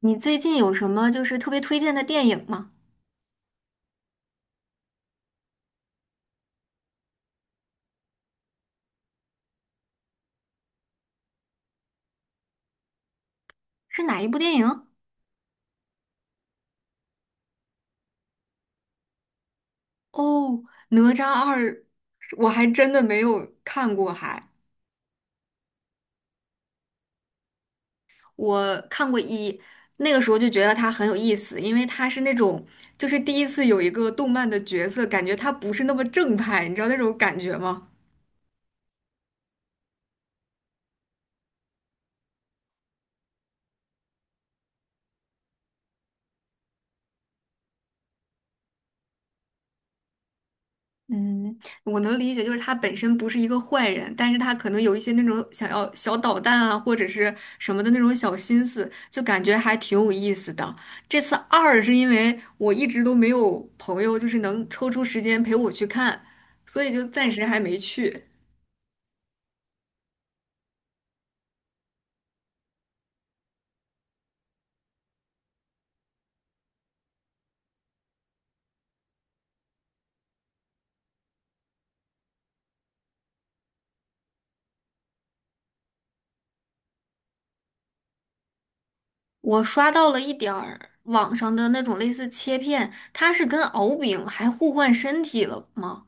你最近有什么就是特别推荐的电影吗？是哪一部电影？哦，《哪吒二》，我还真的没有看过还，我看过一，那个时候就觉得它很有意思，因为它是那种就是第一次有一个动漫的角色，感觉它不是那么正派，你知道那种感觉吗？嗯，我能理解，就是他本身不是一个坏人，但是他可能有一些那种想要小捣蛋啊，或者是什么的那种小心思，就感觉还挺有意思的。这次二是因为我一直都没有朋友，就是能抽出时间陪我去看，所以就暂时还没去。我刷到了一点儿网上的那种类似切片，它是跟敖丙还互换身体了吗？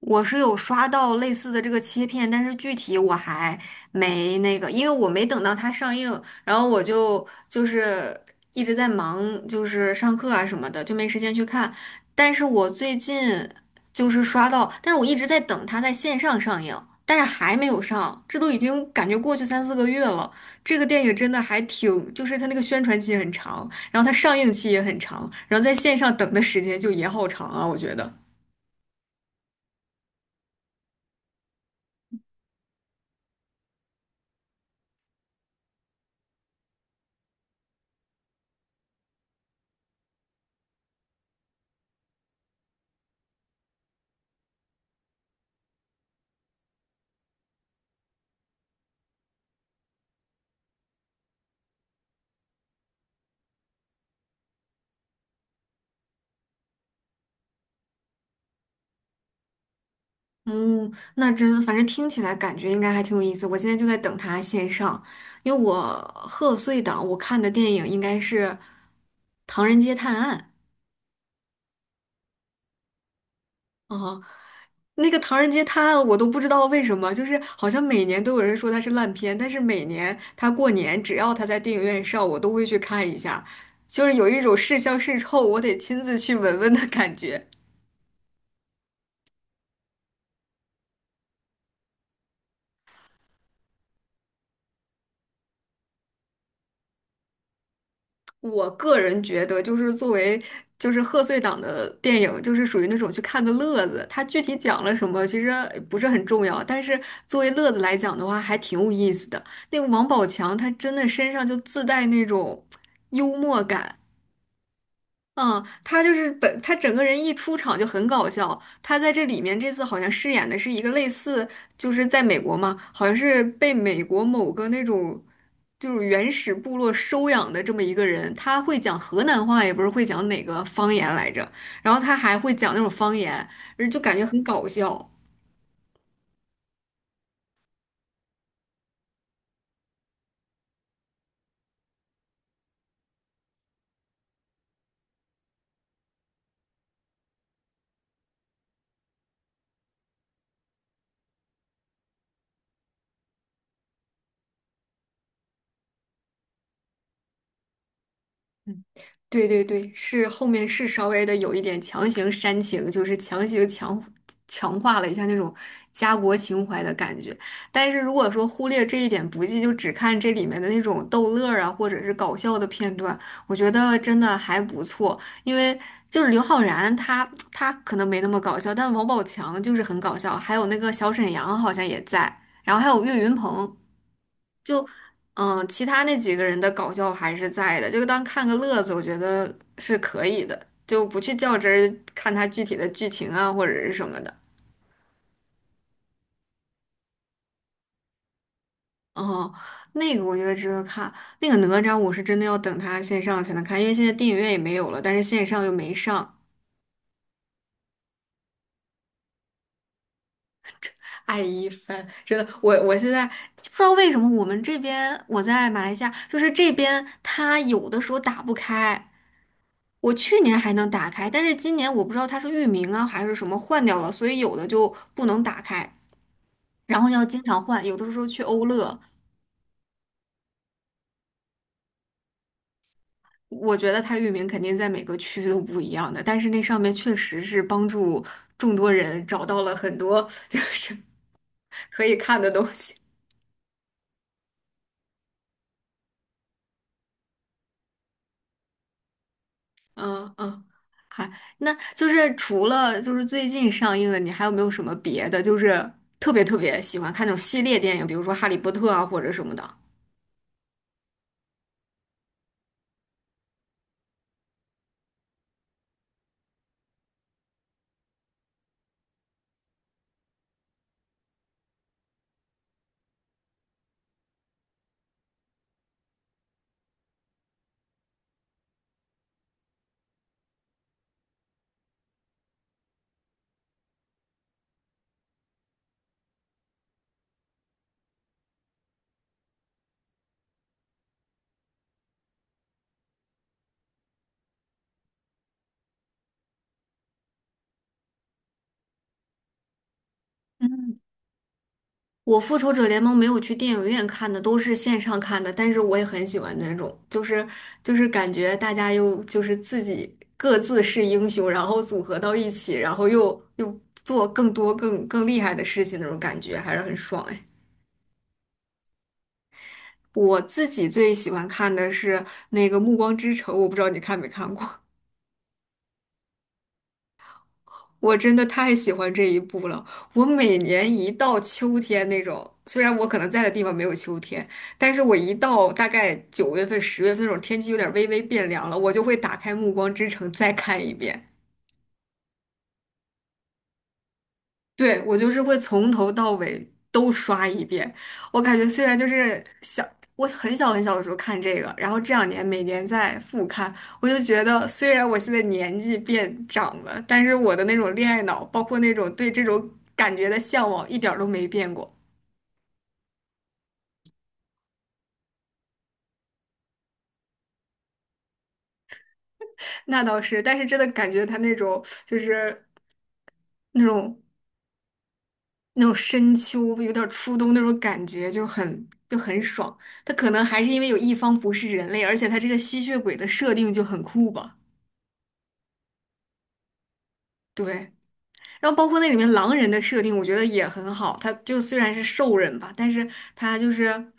我是有刷到类似的这个切片，但是具体我还没那个，因为我没等到它上映，然后我就一直在忙，就是上课啊什么的，就没时间去看。但是我最近就是刷到，但是我一直在等它在线上上映，但是还没有上，这都已经感觉过去三四个月了。这个电影真的还挺，就是它那个宣传期很长，然后它上映期也很长，然后在线上等的时间就也好长啊，我觉得。嗯，那反正听起来感觉应该还挺有意思。我现在就在等它线上，因为我贺岁档我看的电影应该是《唐人街探案》。哦，那个《唐人街探案》我都不知道为什么，就是好像每年都有人说它是烂片，但是每年它过年只要它在电影院上，我都会去看一下，就是有一种是香是臭，我得亲自去闻闻的感觉。我个人觉得，就是作为就是贺岁档的电影，就是属于那种去看个乐子。它具体讲了什么，其实不是很重要，但是作为乐子来讲的话，还挺有意思的。那个王宝强，他真的身上就自带那种幽默感，嗯，他就是他整个人一出场就很搞笑。他在这里面这次好像饰演的是一个类似，就是在美国嘛，好像是被美国某个那种就是原始部落收养的这么一个人。他会讲河南话，也不是会讲哪个方言来着，然后他还会讲那种方言，就感觉很搞笑。嗯，对对对，后面是稍微的有一点强行煽情，就是强行强化了一下那种家国情怀的感觉。但是如果说忽略这一点不计，就只看这里面的那种逗乐儿啊，或者是搞笑的片段，我觉得真的还不错。因为就是刘昊然他可能没那么搞笑，但王宝强就是很搞笑，还有那个小沈阳好像也在，然后还有岳云鹏。就其他那几个人的搞笑还是在的，就当看个乐子，我觉得是可以的，就不去较真儿看他具体的剧情啊或者是什么的。哦，那个我觉得值得看，那个哪吒我是真的要等他线上才能看，因为现在电影院也没有了，但是线上又没上。爱一番，真的，我现在不知道为什么我们这边我在马来西亚，就是这边它有的时候打不开。我去年还能打开，但是今年我不知道它是域名啊还是什么换掉了，所以有的就不能打开，然后要经常换。有的时候去欧乐，我觉得它域名肯定在每个区都不一样的，但是那上面确实是帮助众多人找到了很多 就是可以看的东西。嗯嗯，还那就是除了就是最近上映的，你还有没有什么别的？就是特别特别喜欢看那种系列电影，比如说《哈利波特》啊或者什么的。嗯。我《复仇者联盟》没有去电影院看的，都是线上看的，但是我也很喜欢那种，就是感觉大家又就是自己各自是英雄，然后组合到一起，然后又做更多更厉害的事情那种感觉，还是很爽哎。我自己最喜欢看的是那个《暮光之城》，我不知道你看没看过。我真的太喜欢这一部了。我每年一到秋天那种，虽然我可能在的地方没有秋天，但是我一到大概九月份、十月份那种天气有点微微变凉了，我就会打开《暮光之城》再看一遍。对，我就是会从头到尾都刷一遍。我感觉虽然就是小，我很小很小的时候看这个，然后这两年每年在复看，我就觉得虽然我现在年纪变长了，但是我的那种恋爱脑，包括那种对这种感觉的向往，一点儿都没变过。那倒是，但是真的感觉他那种就是那种。那种深秋，有点儿初冬那种感觉，就很就很爽。它可能还是因为有一方不是人类，而且它这个吸血鬼的设定就很酷吧？对，然后包括那里面狼人的设定，我觉得也很好。他就虽然是兽人吧，但是他就是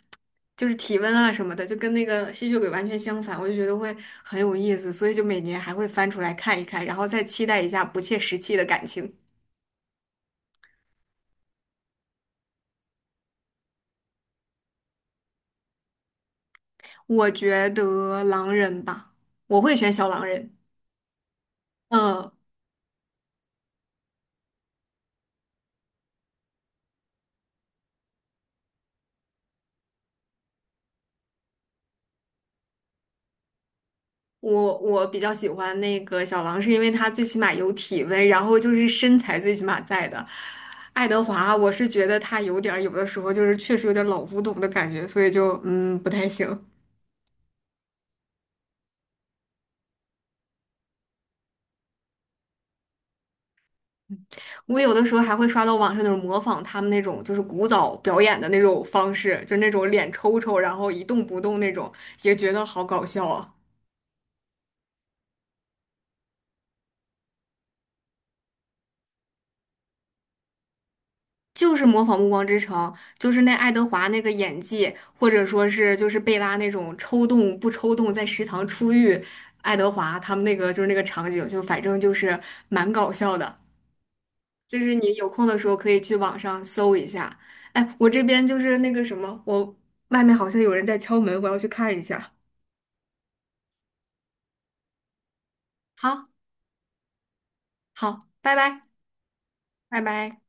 就是体温啊什么的，就跟那个吸血鬼完全相反，我就觉得会很有意思，所以就每年还会翻出来看一看，然后再期待一下不切实际的感情。我觉得狼人吧，我会选小狼人。嗯。我比较喜欢那个小狼，是因为他最起码有体温，然后就是身材最起码在的。爱德华，我是觉得他有点儿有的时候就是确实有点儿老古董的感觉，所以就不太行。我有的时候还会刷到网上那种模仿他们那种就是古早表演的那种方式，就那种脸抽抽，然后一动不动那种，也觉得好搞笑啊。就是模仿《暮光之城》，就是那爱德华那个演技，或者说是就是贝拉那种抽动不抽动，在食堂出狱，爱德华他们那个就是那个场景，就反正就是蛮搞笑的。就是你有空的时候可以去网上搜一下。哎，我这边就是那个什么，我外面好像有人在敲门，我要去看一下。好，好，拜拜，拜拜。